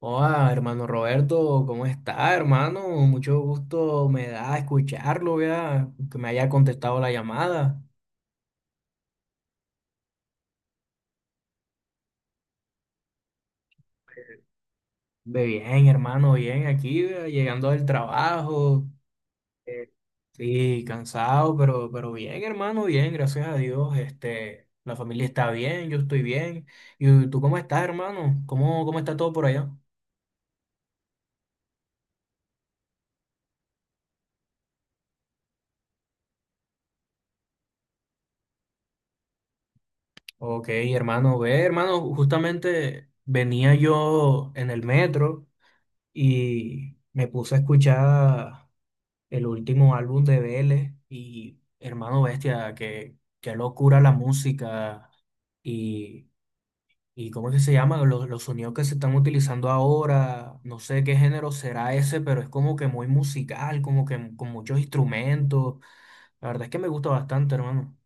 Hola, hermano Roberto, ¿cómo está, hermano? Mucho gusto me da escucharlo, vea, que me haya contestado la llamada. Ve bien, hermano, bien aquí, vea, llegando del trabajo. Eh, Sí, cansado, pero bien, hermano, bien, gracias a Dios. Este, la familia está bien, yo estoy bien. ¿Y tú cómo estás, hermano? ¿Cómo está todo por allá? Ok, hermano, ve, hermano, justamente venía yo en el metro y me puse a escuchar el último álbum de Vélez y hermano bestia, que qué locura la música y, y ¿cómo es que se llama? Los sonidos que se están utilizando ahora, no sé qué género será ese, pero es como que muy musical, como que con muchos instrumentos. La verdad es que me gusta bastante, hermano.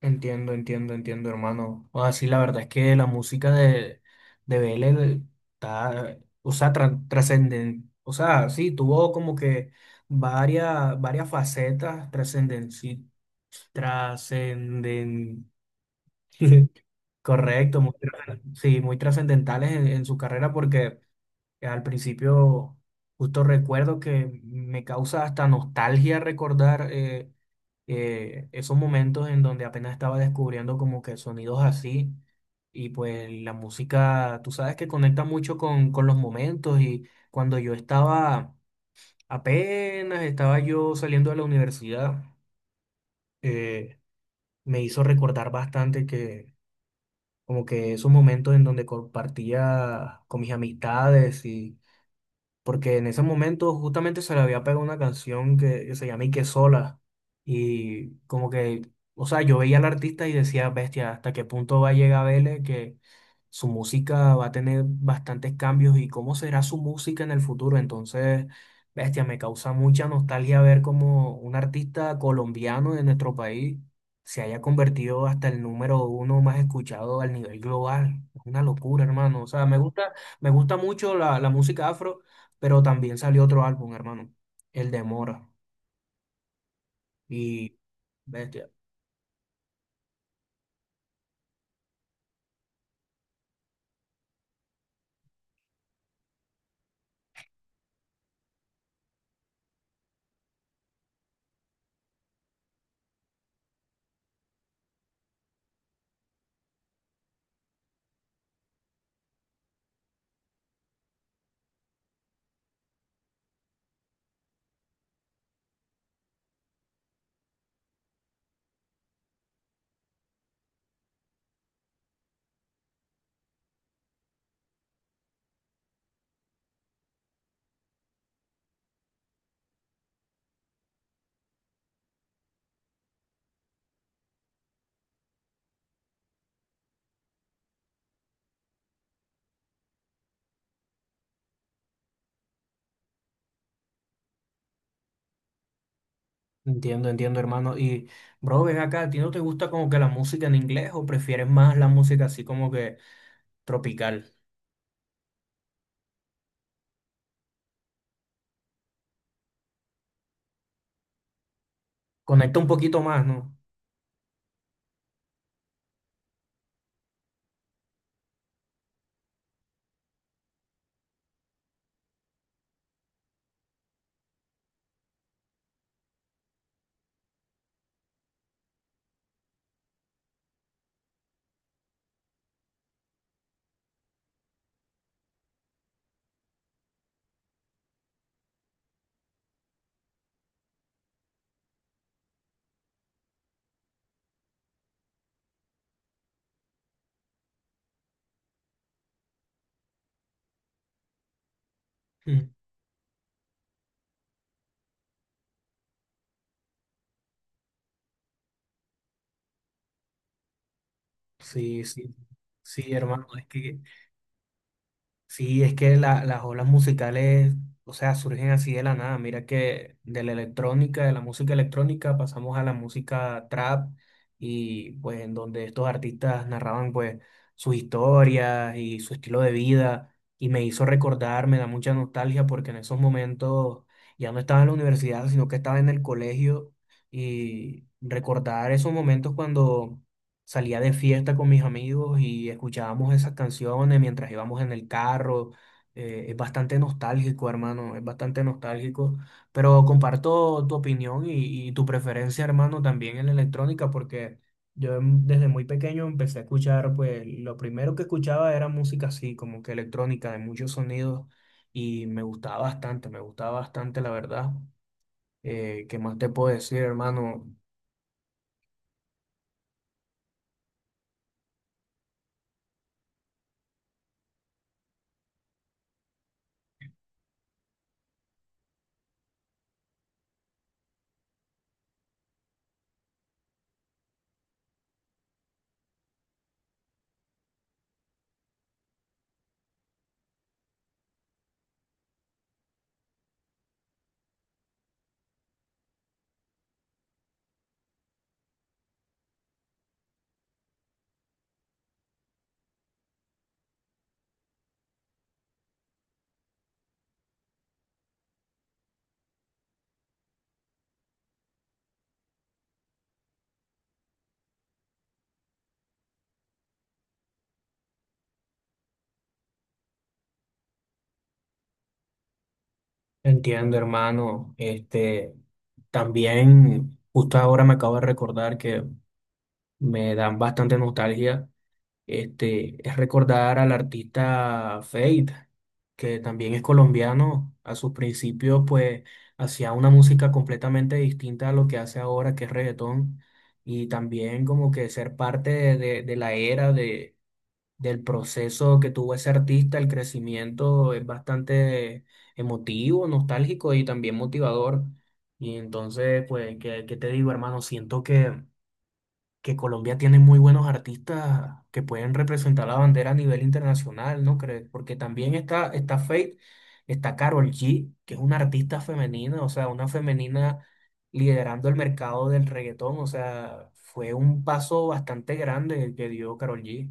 Entiendo, entiendo, entiendo, hermano. O así la verdad es que la música de BL está, o sea, trascenden, o sea, sí, tuvo como que varias facetas trascenden, sí, trascenden, correcto, muy, sí, muy trascendentales en su carrera porque que Al principio, justo recuerdo que me causa hasta nostalgia recordar esos momentos en donde apenas estaba descubriendo como que sonidos así y pues la música, tú sabes que conecta mucho con los momentos y cuando yo apenas estaba yo saliendo de la universidad, eh, me hizo recordar bastante que como que esos momentos en donde compartía con mis amistades porque en ese momento justamente se le había pegado una canción que se llama Ike Sola y como que, o sea, yo veía al artista y decía, bestia, ¿hasta qué punto va a llegar Vélez que su música va a tener bastantes cambios y cómo será su música en el futuro? Entonces, bestia, me causa mucha nostalgia ver como un artista colombiano de nuestro país se haya convertido hasta el número uno más escuchado al nivel global. Es una locura, hermano. O sea, me gusta mucho la música afro, pero también salió otro álbum, hermano, el de Mora. Y, bestia, entiendo, entiendo, hermano. Y, bro, ven acá, ¿a ti no te gusta como que la música en inglés o prefieres más la música así como que tropical? Conecta un poquito más, ¿no? Mm. Sí, sí, sí, hermano, es que sí, es que la- las olas musicales, o sea, surgen así de la nada. Mira que de la electrónica, de la música electrónica, pasamos a la música trap y pues en donde estos artistas narraban pues sus historias y su estilo de vida y me hizo recordar, me da mucha nostalgia porque en esos momentos ya no estaba en la universidad, sino que estaba en el colegio y recordar esos momentos cuando salía de fiesta con mis amigos y escuchábamos esas canciones mientras íbamos en el carro. Es bastante nostálgico, hermano, es bastante nostálgico. Pero comparto tu opinión y tu preferencia, hermano, también en la electrónica, porque yo desde muy pequeño empecé a escuchar, pues lo primero que escuchaba era música así, como que electrónica, de muchos sonidos, y me gustaba bastante, la verdad. ¿Qué más te puedo decir, hermano? Entiendo, hermano. Este, también justo ahora me acabo de recordar que me dan bastante nostalgia. Este, es recordar al artista Fate, que también es colombiano. A sus principios, pues, hacía una música completamente distinta a lo que hace ahora, que es reggaetón. Y también como que ser parte de, de la era del proceso que tuvo ese artista, el crecimiento es bastante emotivo, nostálgico y también motivador. Y entonces, pues, ¿qué, qué te digo, hermano? Siento que Colombia tiene muy buenos artistas que pueden representar la bandera a nivel internacional, ¿no crees? Porque también está Feid, está Karol G, que es una artista femenina, o sea, una femenina liderando el mercado del reggaetón, o sea, fue un paso bastante grande el que dio Karol G.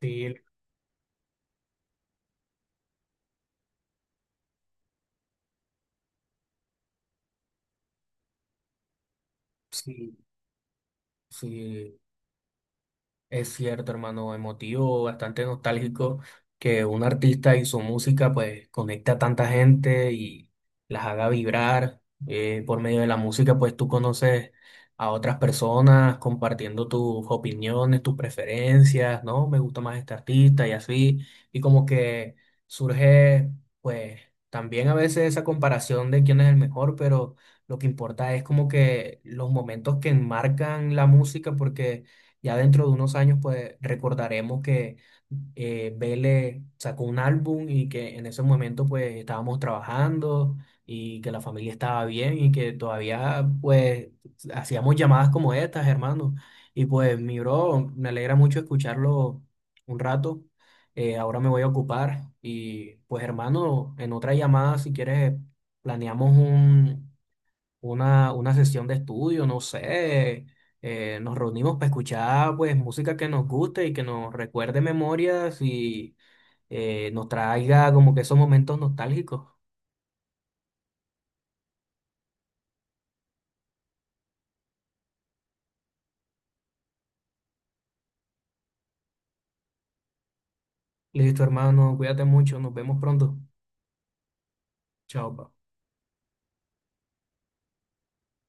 Sí, el- sí, sí, es cierto, hermano, emotivo, bastante nostálgico que un artista y su música pues conecta a tanta gente y las haga vibrar. Por medio de la música pues tú conoces a otras personas compartiendo tus opiniones, tus preferencias, ¿no? Me gusta más este artista y así. Y como que surge pues también a veces esa comparación de quién es el mejor, pero lo que importa es como que los momentos que enmarcan la música porque... Ya dentro de unos años, pues recordaremos que Vélez sacó un álbum y que en ese momento, pues estábamos trabajando y que la familia estaba bien y que todavía, pues, hacíamos llamadas como estas, hermano. Y pues, mi bro, me alegra mucho escucharlo un rato. Ahora me voy a ocupar y, pues, hermano, en otra llamada, si quieres, planeamos un una sesión de estudio, no sé, nos reunimos para escuchar pues música que nos guste y que nos recuerde memorias y nos traiga como que esos momentos nostálgicos. Listo, hermano, cuídate mucho, nos vemos pronto. Chao. Pa.